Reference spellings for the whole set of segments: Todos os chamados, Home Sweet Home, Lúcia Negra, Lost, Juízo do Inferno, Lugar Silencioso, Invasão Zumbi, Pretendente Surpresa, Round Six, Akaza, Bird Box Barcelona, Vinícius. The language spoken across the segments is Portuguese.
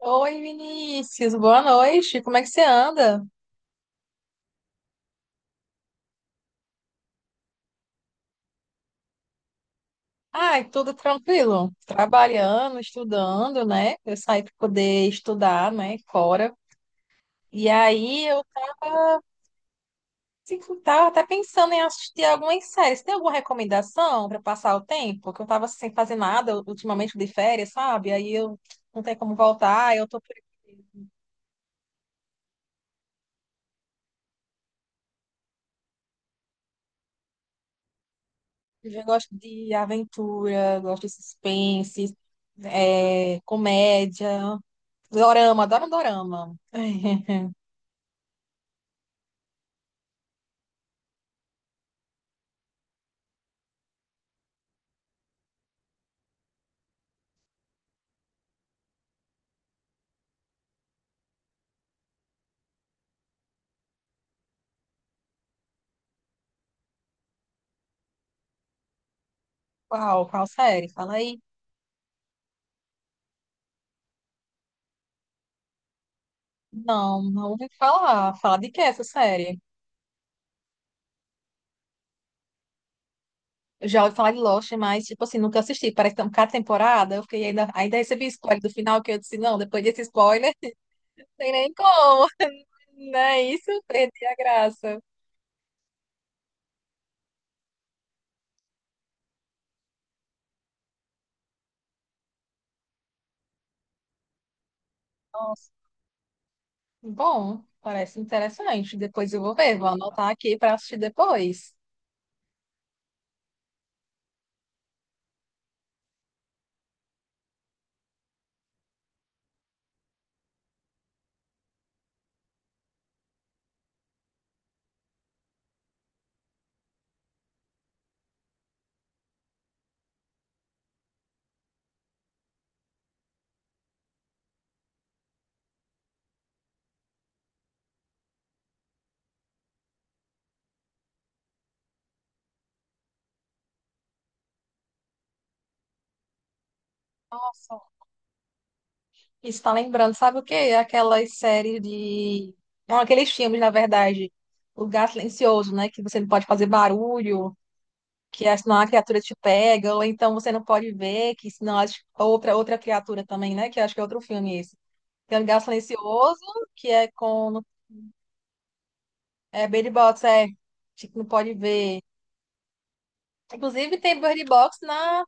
Oi, Vinícius, boa noite. Como é que você anda? Ai, tudo tranquilo. Trabalhando, estudando, né? Eu saí para poder estudar, né, fora. E aí eu tava, assim, tava até pensando em assistir algumas séries. Tem alguma recomendação para passar o tempo? Que eu tava sem fazer nada ultimamente de férias, sabe? Aí eu não tenho como voltar, eu tô por aqui. Eu já gosto de aventura, gosto de suspense, comédia. Dorama, adoro dorama. Qual? Qual série? Fala aí. Não, não ouvi falar. Fala de que essa série? Eu já ouvi falar de Lost, mas, tipo assim, nunca assisti. Parece que tem cada temporada. Eu fiquei ainda recebi spoiler do final, que eu disse, não, depois desse spoiler, não tem nem como. Não é isso? Perdi a graça. Nossa, bom, parece interessante. Depois eu vou ver, vou anotar aqui para assistir depois. Nossa, isso tá lembrando, sabe o quê? Aquelas séries de. Não, aqueles filmes, na verdade. O Lugar Silencioso, né? Que você não pode fazer barulho, que senão a criatura te pega, ou então você não pode ver, que senão as outra, criatura também, né? Que eu acho que é outro filme esse. Tem o Lugar Silencioso, que é com. É Bird Box, é. Tipo, não pode ver. Inclusive tem Bird Box na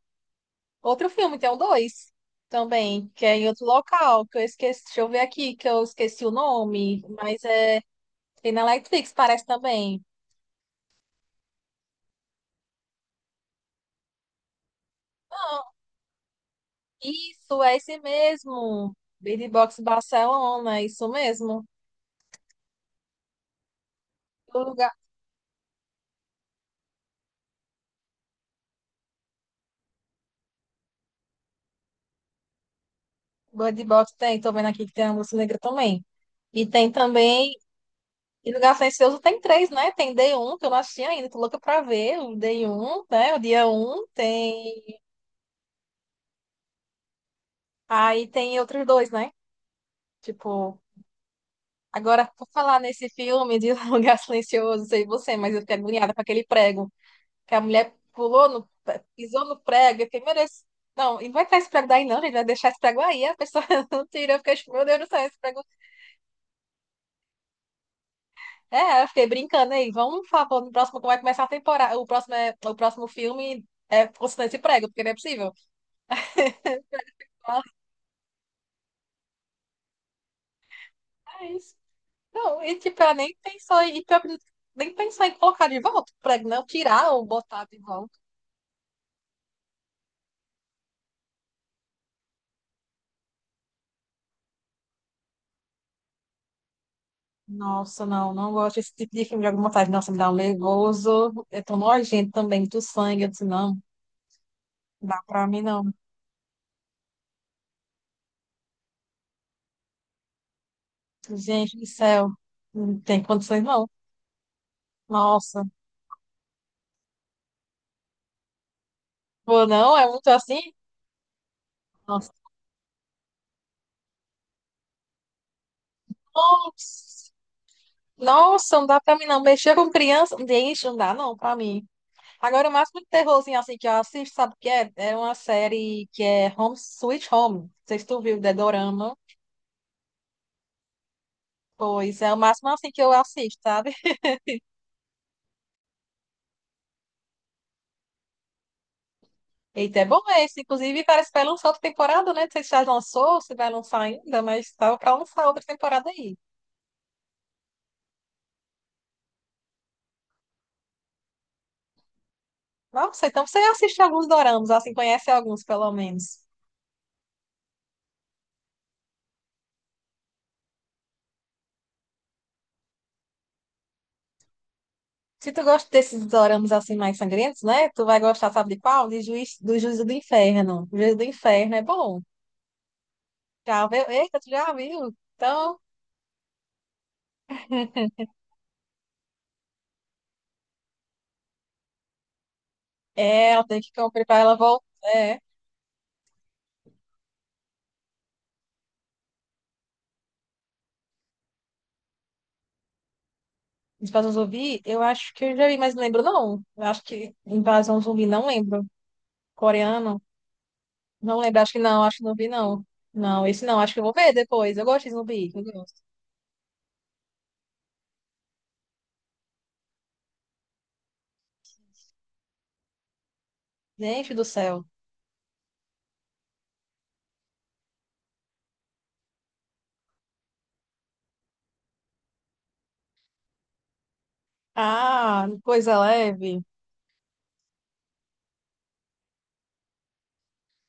outro filme, tem o dois também, que é em outro local, que eu esqueci. Deixa eu ver aqui, que eu esqueci o nome, mas é. Tem na Netflix, parece também. Não, isso, é esse mesmo. Bird Box Barcelona, é isso mesmo. O lugar. Bird Box tem, tô vendo aqui que tem a Lúcia Negra também. E tem também. E Lugar Silencioso tem três, né? Tem D1, que eu não assisti ainda, tô louca pra ver. O D1, né? O dia 1 tem. Aí tem outros dois, né? Tipo. Agora, por falar nesse filme de Lugar Silencioso, não sei você, mas eu fiquei agoniada com aquele prego, que a mulher pulou no, pisou no prego. Eu fiquei, meu Deus, não, e não vai tirar esse prego daí não, gente, vai deixar esse prego aí, a pessoa não tira. Eu fiquei, tipo, meu Deus do céu, esse prego, é, eu fiquei brincando aí, vamos falar, pô, no próximo, como vai começar a temporada, o próximo, o próximo filme é constante esse prego, porque não é possível, mas, não, e tipo, ela nem pensou, e pior que nem pensar em colocar de volta o prego, não, tirar ou botar de volta. Nossa, não, não gosto desse tipo de filme de alguma vontade. Nossa, me dá um nervoso. É tão nojento também, muito sangue. Eu disse, não, não dá pra mim, não. Gente do céu, não tem condições não. Nossa, pô, não, é muito assim? Nossa, nossa, Nossa, não dá pra mim não. Mexer com criança, gente, não dá não pra mim. Agora, o máximo de terrorzinho assim que eu assisto, sabe o que é? É uma série que é Home Sweet Home. Não sei se tu viu, The Dorama. Pois é, o máximo assim que eu assisto, sabe? Eita, é bom esse. Inclusive, parece que vai lançar outra temporada, né? Não sei se já lançou, se vai lançar ainda, mas tava pra lançar outra temporada aí. Nossa, então você assiste alguns doramas, assim, conhece alguns, pelo menos. Se tu gosta desses doramas, assim, mais sangrentos, né? Tu vai gostar, sabe de qual? De Juiz, do Juízo do Inferno. Juízo do Inferno é bom. Já viu? Eita, tu já viu? Então, é, eu tenho que comprar pra ela voltar. É. Invasão Zumbi, eu acho que eu já vi, mas não lembro, não. Eu acho que Invasão Zumbi, não lembro. Coreano, não lembro. Acho que não vi, não. Não, esse não. Acho que eu vou ver depois. Eu gosto de zumbi. Eu gosto. Gente do céu. Ah, coisa leve.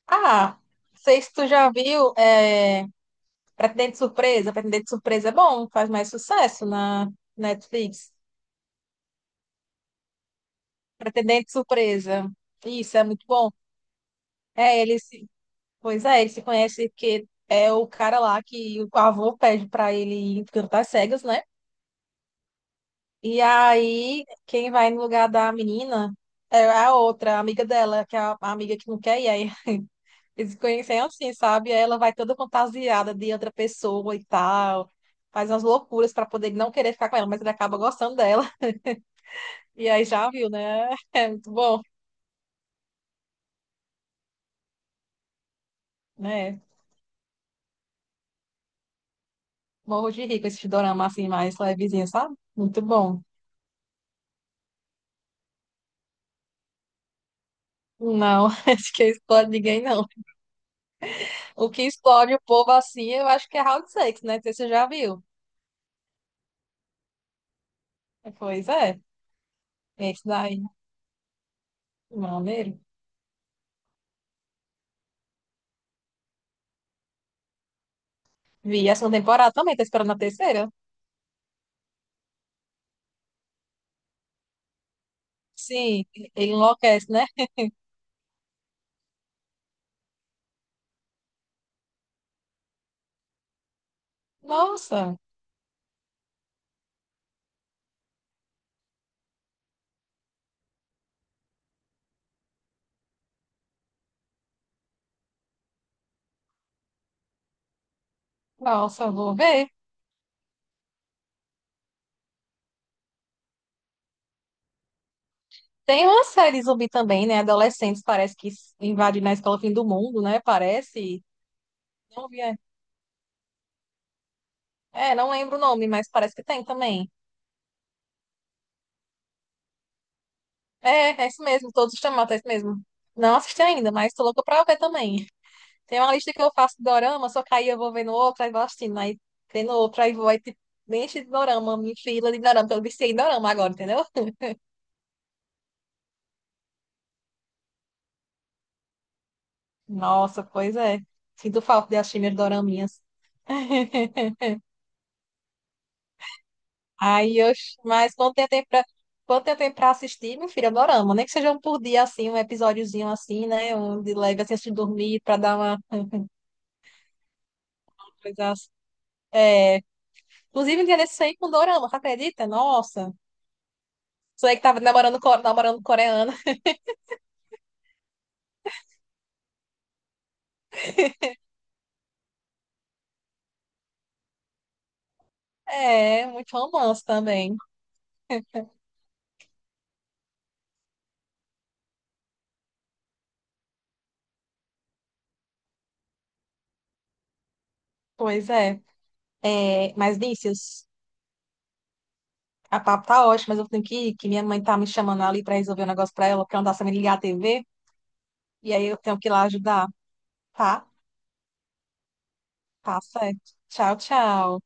Ah, não sei se tu já viu, é, Pretendente Surpresa. Pretendente Surpresa é bom, faz mais sucesso na Netflix. Pretendente Surpresa. Isso, é muito bom. É, ele se... Pois é, ele se conhece porque é o cara lá que o avô pede pra ele ir cantar cegas, né? E aí, quem vai no lugar da menina é a outra, a amiga dela, que é a amiga que não quer ir. Aí eles se conhecem assim, sabe? Aí ela vai toda fantasiada de outra pessoa e tal. Faz umas loucuras pra poder não querer ficar com ela, mas ele acaba gostando dela. E aí já viu, né? É muito bom, né? Morro de rico esse dorama assim, mais levezinho, sabe? Muito bom. Não, acho que explode ninguém, não. O que explode o povo assim, eu acho que é Round Six, né? Não sei se você já viu. Pois é. Esse daí, maneiro. Vi a segunda temporada também, tá esperando a terceira? Sim, ele enlouquece, né? Nossa. Nossa, vou ver. Tem uma série zumbi também, né? Adolescentes parece que invade na escola fim do mundo, né? Parece. Não vi. É, é, não lembro o nome, mas parece que tem também. É, é isso mesmo. Todos os chamados, é isso mesmo. Não assisti ainda, mas tô louca pra ver também. Tem uma lista que eu faço de dorama, só que aí eu vou vendo outra, aí vou assistindo, aí vendo outra, aí vou, aí tipo, me enche de dorama, me fila de dorama, porque eu viciei em dorama agora, entendeu? Nossa, pois é. Sinto falta de assistir minhas doraminhas. Aí, eu, mas quando tem tempo pra, quando tem tempo pra assistir, meu filho, adoramos. Nem que seja um por dia, assim, um episódiozinho assim, né? Um de leve, assim, antes de dormir, pra dar uma coisa assim. Inclusive, um dia desse aí com dorama, você acredita? Nossa. Sou eu que tava namorando, namorando coreana. É, muito romance também. Pois é. É, mas, Vinícius, a papo tá ótima, mas eu tenho que ir, que minha mãe tá me chamando ali pra resolver um negócio pra ela, porque ela não tá sabendo ligar a TV. E aí eu tenho que ir lá ajudar, tá? Tá certo. Tchau, tchau.